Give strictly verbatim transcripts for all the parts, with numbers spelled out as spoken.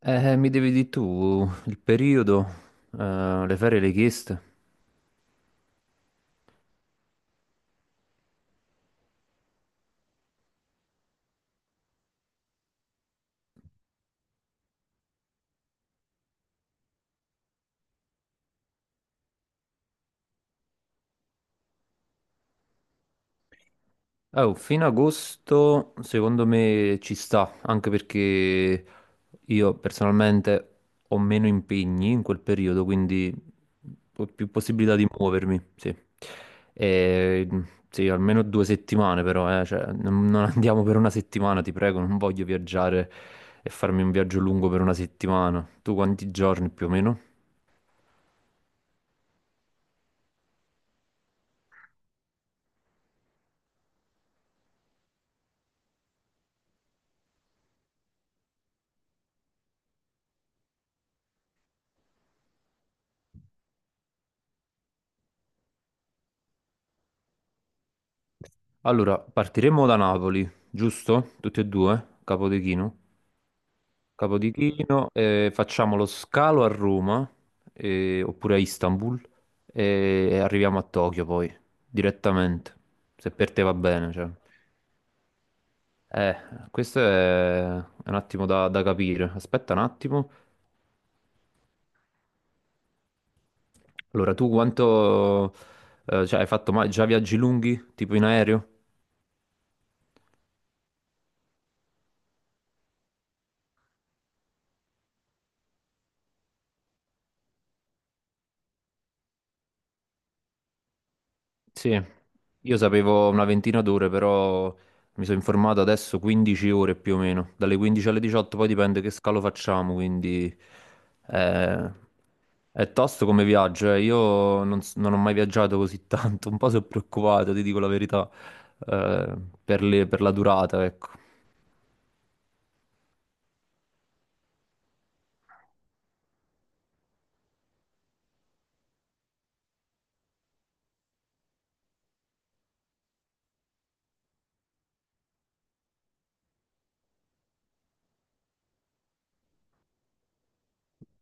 Eh, mi devi dire tu il periodo, eh, le ferie le hai chieste? Oh, fino ad agosto secondo me ci sta, anche perché io personalmente ho meno impegni in quel periodo, quindi ho più possibilità di muovermi, sì. E, sì, almeno due settimane però, eh, cioè, non non andiamo per una settimana, ti prego, non voglio viaggiare e farmi un viaggio lungo per una settimana. Tu quanti giorni più o meno? Allora, partiremo da Napoli, giusto? Tutti e due, Capodichino. Capodichino, eh, facciamo lo scalo a Roma, eh, oppure a Istanbul, e arriviamo a Tokyo poi, direttamente, se per te va bene. Cioè. Eh, Questo è è un attimo da, da capire. Aspetta un attimo. Allora, tu quanto... eh, cioè, hai fatto mai già viaggi lunghi, tipo in aereo? Sì, io sapevo una ventina d'ore, però mi sono informato adesso quindici ore più o meno, dalle quindici alle diciotto, poi dipende che scalo facciamo, quindi eh, è tosto come viaggio, eh. Io non, s- non ho mai viaggiato così tanto, un po' sono preoccupato, ti dico la verità, eh, per le- per la durata, ecco.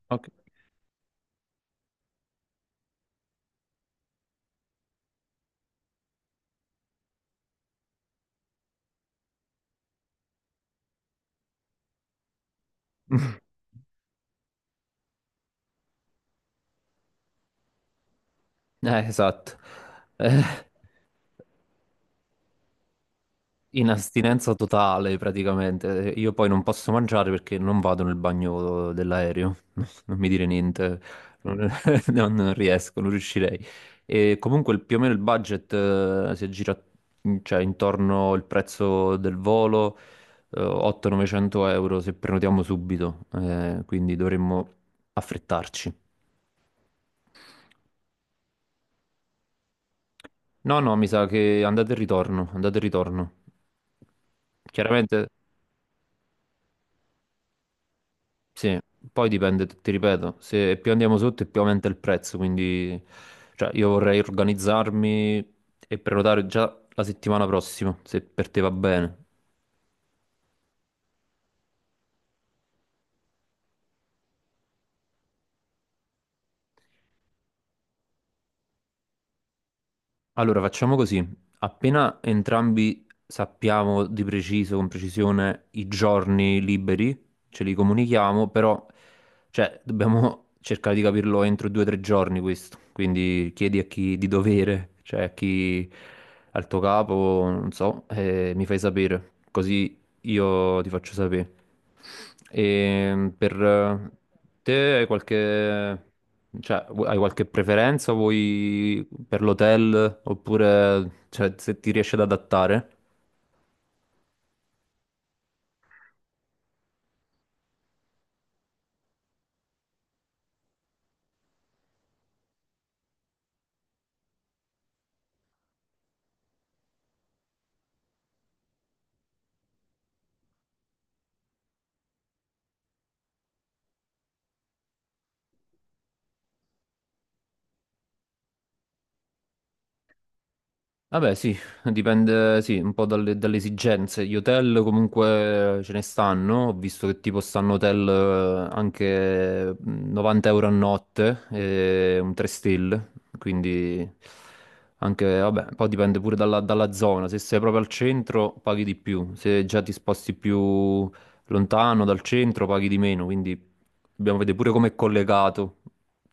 Ok. Eh, esatto. Eh, In astinenza totale praticamente. Io poi non posso mangiare perché non vado nel bagno dell'aereo. Non mi dire niente, non, non- non riesco, non riuscirei. E comunque il- più o meno il budget eh, si aggira in- cioè, intorno il prezzo del volo, eh, ottocento-novecento euro se prenotiamo subito, eh, quindi dovremmo affrettarci. No, no, mi sa che andate e ritorno, andate e ritorno. Chiaramente. Sì, poi dipende, ti ripeto, se più andiamo sotto e più aumenta il prezzo, quindi cioè, io vorrei organizzarmi e prenotare già la settimana prossima, se per te va bene. Allora, facciamo così. Appena entrambi sappiamo di preciso, con precisione, i giorni liberi, ce li comunichiamo, però, cioè, dobbiamo cercare di capirlo entro due o tre giorni questo. Quindi chiedi a chi di dovere, cioè a chi, al tuo capo, non so, e mi fai sapere. Così io ti faccio sapere. E per eh, te hai qualche, cioè, vu- hai qualche preferenza? Vuoi per l'hotel oppure cioè, se ti riesci ad adattare? Vabbè, sì, dipende, sì, un po' dalle, dalle esigenze. Gli hotel comunque ce ne stanno, ho visto che tipo stanno hotel eh, anche mm, novanta euro a notte, e un tre stelle, quindi anche, vabbè, poi dipende pure dalla, dalla zona, se sei proprio al centro paghi di più, se già ti sposti più lontano dal centro paghi di meno, quindi dobbiamo vedere pure come è collegato,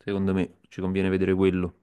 secondo me ci conviene vedere quello.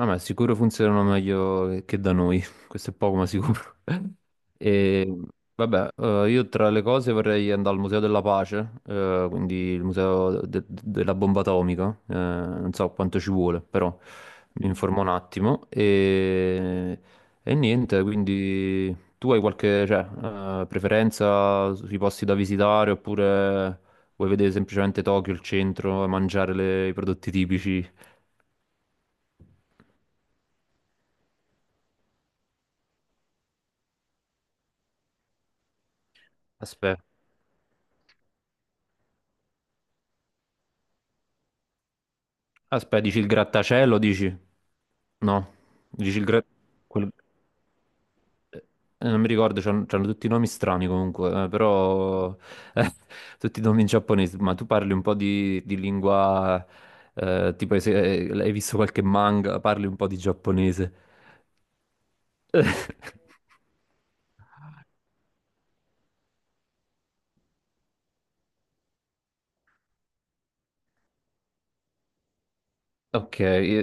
Ah, ma sicuro funzionano meglio che che da noi, questo è poco ma sicuro. E vabbè, eh, io tra le cose vorrei andare al Museo della Pace, eh, quindi il Museo de- de- della Bomba Atomica, eh, non so quanto ci vuole, però mi informo un attimo. E, e niente, quindi tu hai qualche, cioè, eh, preferenza sui posti da visitare oppure vuoi vedere semplicemente Tokyo, il centro, mangiare le- i prodotti tipici? Aspetta. Aspetta, dici il grattacielo, dici? No, dici il gra... quel- eh, non mi ricordo, c'hanno c'hanno tutti i nomi strani comunque, eh, però eh, tutti i nomi in giapponese, ma tu parli un po' di, di lingua, eh, tipo se eh, hai visto qualche manga, parli un po' di giapponese. Ok, io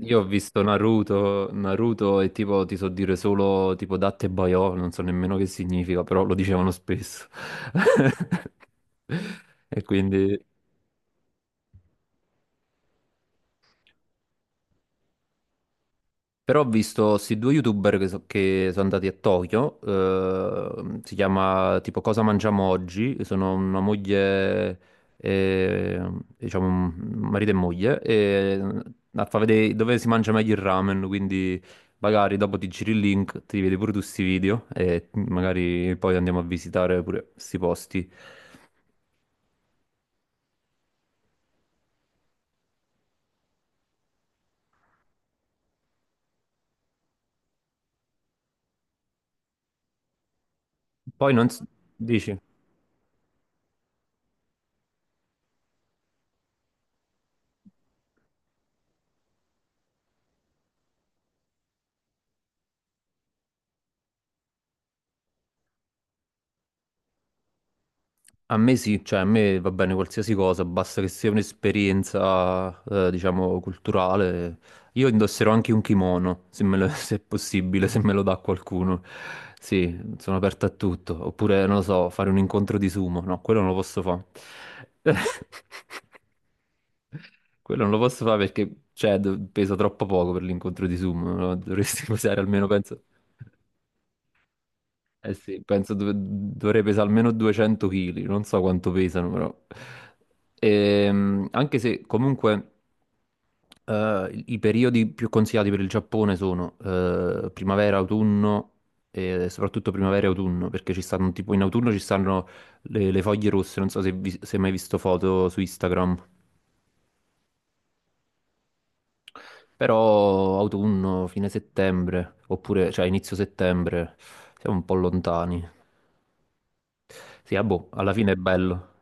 io ho visto Naruto, Naruto e tipo ti so dire solo tipo Datte Baio, non so nemmeno che significa, però lo dicevano spesso. E quindi Però ho visto questi due youtuber che, so- che sono andati a Tokyo, eh, si chiama tipo Cosa mangiamo oggi, sono una moglie, eh, diciamo un marito e moglie, e ehm, a fa vedere dove si mangia meglio il ramen, quindi magari dopo ti giri il link, ti vedi pure tu questi video e magari poi andiamo a visitare pure questi posti. Poi non s- dici? A me sì, cioè a me va bene qualsiasi cosa, basta che sia un'esperienza, eh, diciamo, culturale. Io indosserò anche un kimono, se me lo- se è possibile, se me lo dà qualcuno. Sì, sono aperto a tutto. Oppure, non lo so, fare un incontro di sumo. No, quello non lo posso fare. Quello non lo posso fare perché, cioè, do- pesa troppo poco per l'incontro di sumo, no? Dovresti pesare almeno, penso, eh sì, penso dov- dovrei pesare almeno duecento chili, non so quanto pesano però. Ehm, anche se comunque eh, i periodi più consigliati per il Giappone sono eh, primavera, autunno e soprattutto primavera e autunno, perché ci stanno tipo in autunno ci stanno le, le foglie rosse, non so se, vi- se hai mai visto foto su Instagram, però autunno, fine settembre, oppure cioè inizio settembre, siamo un po' lontani. Sì, ah, boh, alla fine è bello.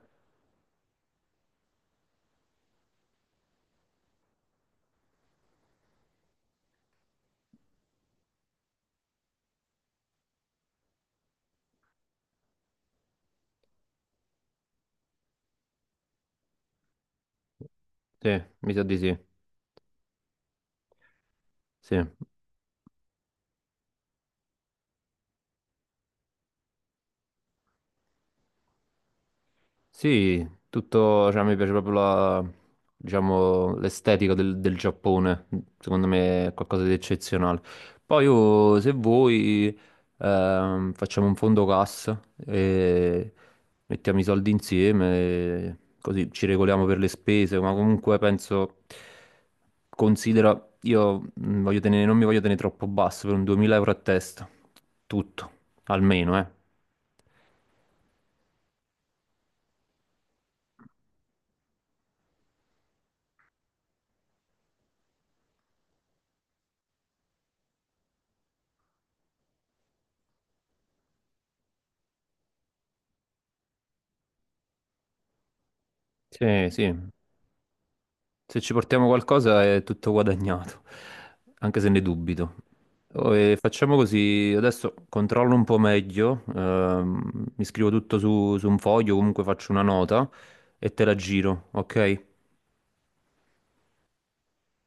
Sì, mi sa di sì. Sì, sì, tutto, cioè, mi piace proprio la, diciamo, l'estetica del, del Giappone, secondo me è qualcosa di eccezionale. Poi io, se vuoi, ehm, facciamo un fondo cassa e mettiamo i soldi insieme, e così ci regoliamo per le spese, ma comunque penso, considera, io mm, voglio tenere, non mi voglio tenere troppo basso, per un duemila euro a testa, tutto, almeno, eh. Sì, sì, se ci portiamo qualcosa è tutto guadagnato, anche se ne dubito. Oh, e facciamo così, adesso controllo un po' meglio, ehm, mi scrivo tutto su, su un foglio, comunque faccio una nota e te la giro, ok?